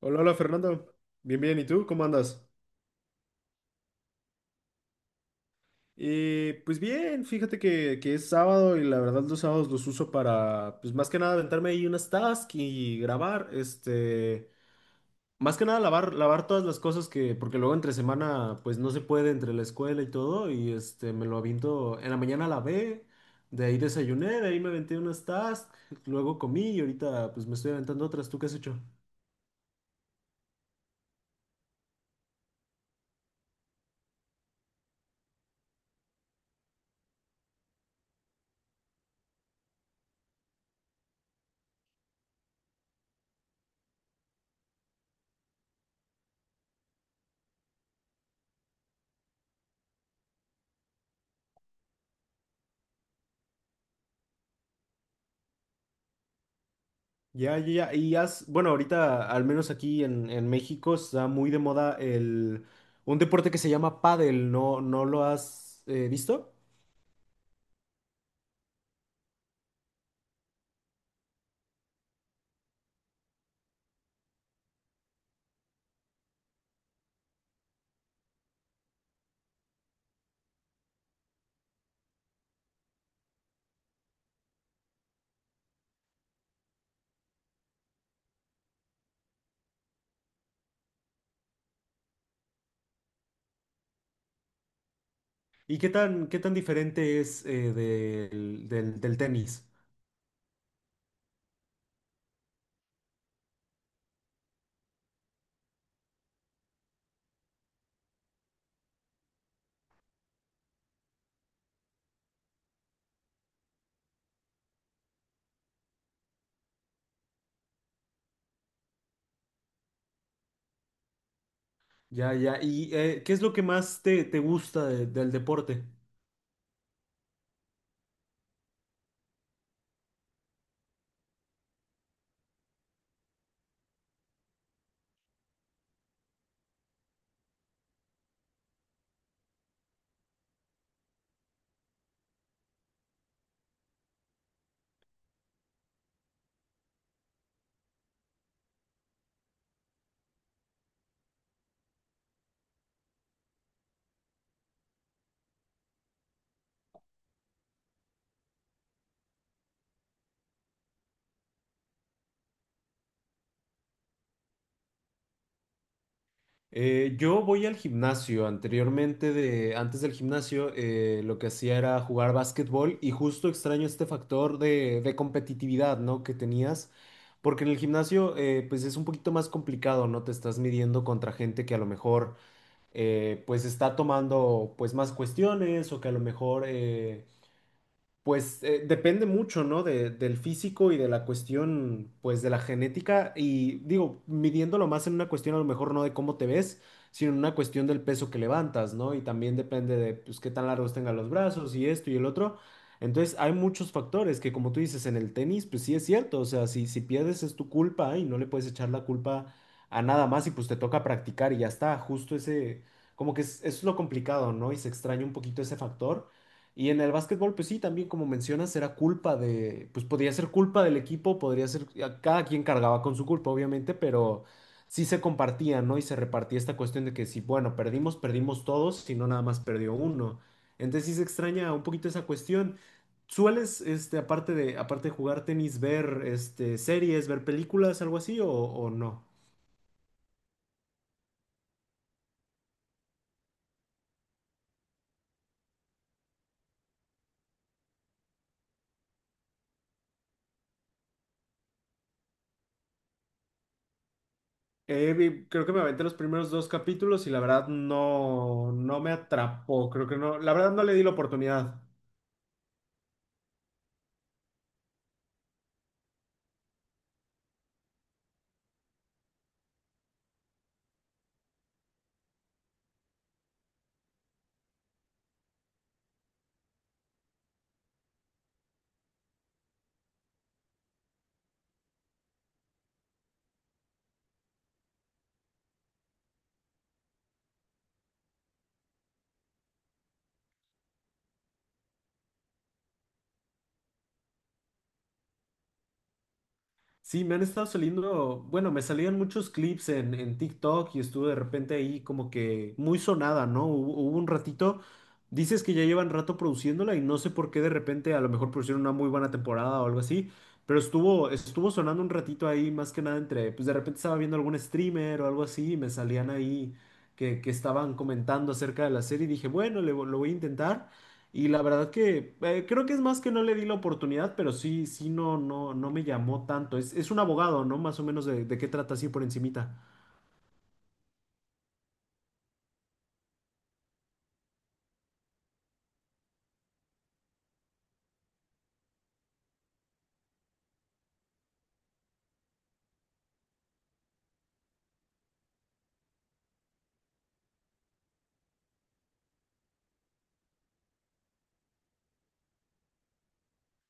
Hola, hola Fernando. Bien, bien. ¿Y tú? ¿Cómo andas? Pues bien, fíjate que es sábado y la verdad los sábados los uso para, pues más que nada aventarme ahí unas tasks y grabar, más que nada lavar, lavar todas las cosas que, porque luego entre semana pues no se puede entre la escuela y todo y me lo aviento. En la mañana lavé, de ahí desayuné, de ahí me aventé unas tasks, luego comí y ahorita pues me estoy aventando otras. ¿Tú qué has hecho? Ya, ya, ya. Y has, bueno, ahorita, al menos aquí en México, está muy de moda el, un deporte que se llama pádel. ¿No, no lo has visto? ¿Y qué tan diferente es del, del tenis? Ya, ya. ¿Y qué es lo que más te, te gusta del deporte? Yo voy al gimnasio. Anteriormente, de, antes del gimnasio, lo que hacía era jugar básquetbol y justo extraño este factor de competitividad, ¿no? Que tenías, porque en el gimnasio, pues es un poquito más complicado, ¿no? Te estás midiendo contra gente que a lo mejor, pues está tomando, pues más cuestiones o que a lo mejor, pues depende mucho, ¿no? Del físico y de la cuestión, pues de la genética. Y digo, midiéndolo más en una cuestión a lo mejor no de cómo te ves, sino en una cuestión del peso que levantas, ¿no? Y también depende de, pues, qué tan largos tengan los brazos y esto y el otro. Entonces, hay muchos factores que, como tú dices, en el tenis, pues sí es cierto. O sea, si pierdes es tu culpa y no le puedes echar la culpa a nada más y pues te toca practicar y ya está. Justo ese, como que es lo complicado, ¿no? Y se extraña un poquito ese factor. Y en el básquetbol, pues sí, también como mencionas, era culpa de, pues podría ser culpa del equipo, podría ser, cada quien cargaba con su culpa, obviamente, pero sí se compartía, ¿no? Y se repartía esta cuestión de que si, bueno, perdimos, perdimos todos, si no, nada más perdió uno. Entonces sí se extraña un poquito esa cuestión. ¿Sueles, este, aparte de jugar tenis, ver, este, series, ver películas, algo así, o no? Creo que me aventé los primeros dos capítulos y la verdad no, no me atrapó, creo que no, la verdad no le di la oportunidad. Sí, me han estado saliendo, bueno, me salían muchos clips en TikTok y estuve de repente ahí como que muy sonada, ¿no? Hubo, hubo un ratito, dices que ya llevan rato produciéndola y no sé por qué de repente a lo mejor pusieron una muy buena temporada o algo así, pero estuvo, estuvo sonando un ratito ahí más que nada entre, pues de repente estaba viendo algún streamer o algo así y me salían ahí que estaban comentando acerca de la serie y dije, bueno, lo voy a intentar. Y la verdad que creo que es más que no le di la oportunidad, pero sí, sí, no, no, no me llamó tanto. Es un abogado, ¿no? Más o menos de qué trata así por encimita.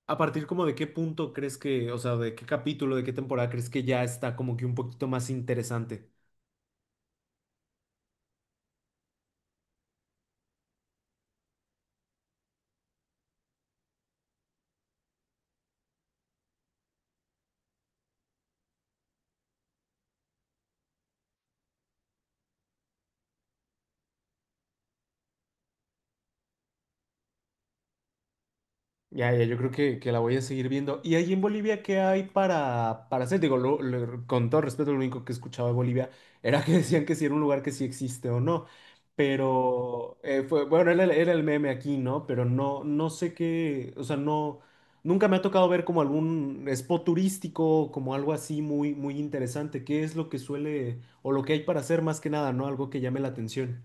¿A partir como de qué punto crees que, o sea, de qué capítulo, de qué temporada crees que ya está como que un poquito más interesante? Ya, ya, yo creo que la voy a seguir viendo. ¿Y ahí en Bolivia qué hay para hacer? Digo, con todo respeto, lo único que escuchaba de Bolivia era que decían que si era un lugar que sí existe o no. Pero, fue, bueno, era el meme aquí, ¿no? Pero no, no sé qué, o sea, no, nunca me ha tocado ver como algún spot turístico, como algo así muy, muy interesante. ¿Qué es lo que suele, o lo que hay para hacer más que nada, ¿no? Algo que llame la atención.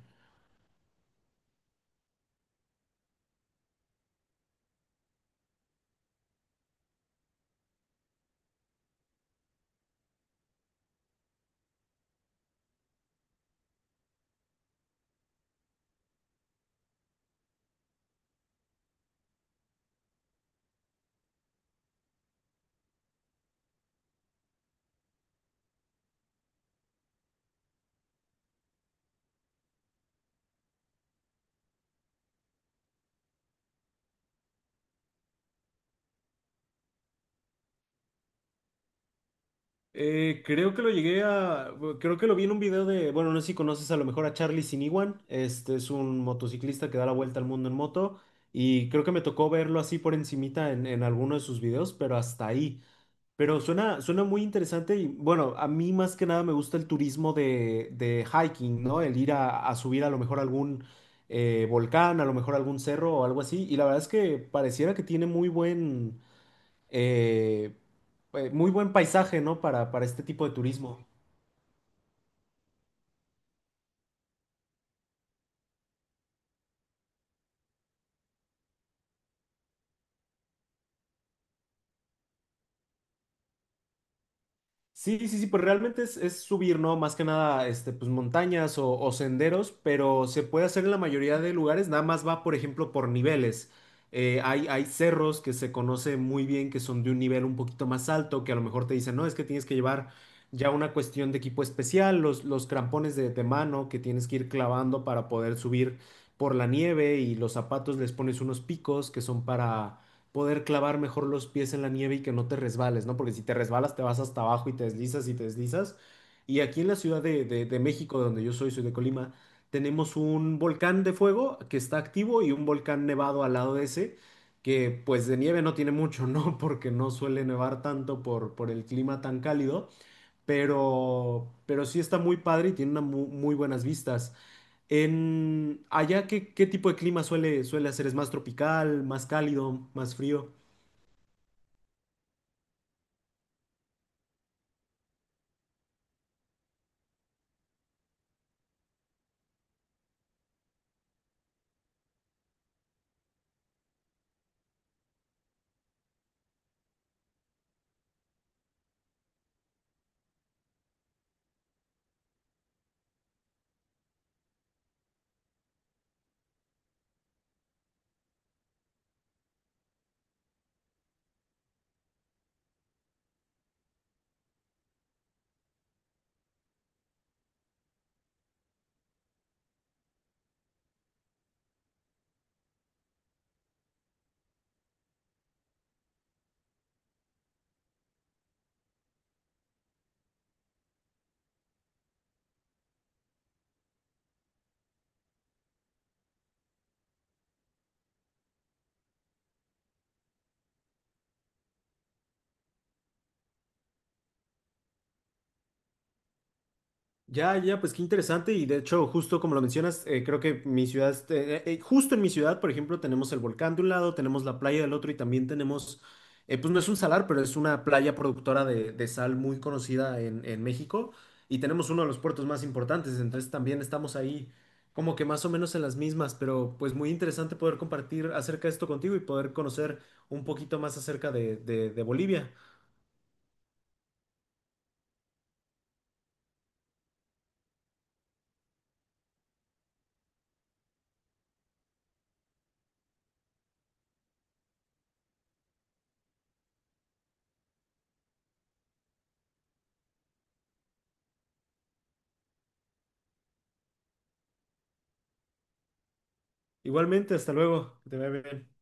Creo que lo llegué a, bueno, creo que lo vi en un video de, bueno, no sé si conoces a lo mejor a Charlie Siniwan, este es un motociclista que da la vuelta al mundo en moto y creo que me tocó verlo así por encimita en alguno de sus videos, pero hasta ahí. Pero suena, suena muy interesante y bueno, a mí más que nada me gusta el turismo de hiking, ¿no? El ir a subir a lo mejor algún volcán, a lo mejor algún cerro o algo así y la verdad es que pareciera que tiene eh, muy buen paisaje, ¿no? Para este tipo de turismo. Sí, sí, sí, pues realmente es subir, ¿no? Más que nada, este, pues montañas o senderos, pero se puede hacer en la mayoría de lugares, nada más va, por ejemplo, por niveles. Hay cerros que se conoce muy bien, que son de un nivel un poquito más alto, que a lo mejor te dicen, no, es que tienes que llevar ya una cuestión de equipo especial, los crampones de mano que tienes que ir clavando para poder subir por la nieve y los zapatos les pones unos picos que son para poder clavar mejor los pies en la nieve y que no te resbales, ¿no? Porque si te resbalas te vas hasta abajo y te deslizas y te deslizas. Y aquí en la Ciudad de, de México, donde yo soy, soy de Colima, tenemos un volcán de fuego que está activo y un volcán nevado al lado de ese, que pues de nieve no tiene mucho, ¿no? Porque no suele nevar tanto por el clima tan cálido, pero sí está muy padre y tiene unas muy buenas vistas. En allá, ¿qué, qué tipo de clima suele, suele hacer? ¿Es más tropical, más cálido, más frío? Ya, ya, pues qué interesante y de hecho, justo como lo mencionas, creo que mi ciudad, este, justo en mi ciudad, por ejemplo, tenemos el volcán de un lado, tenemos la playa del otro y también tenemos, pues no es un salar, pero es una playa productora de sal muy conocida en México y tenemos uno de los puertos más importantes, entonces también estamos ahí como que más o menos en las mismas, pero pues muy interesante poder compartir acerca de esto contigo y poder conocer un poquito más acerca de, de Bolivia. Igualmente, hasta luego, que te vaya bien.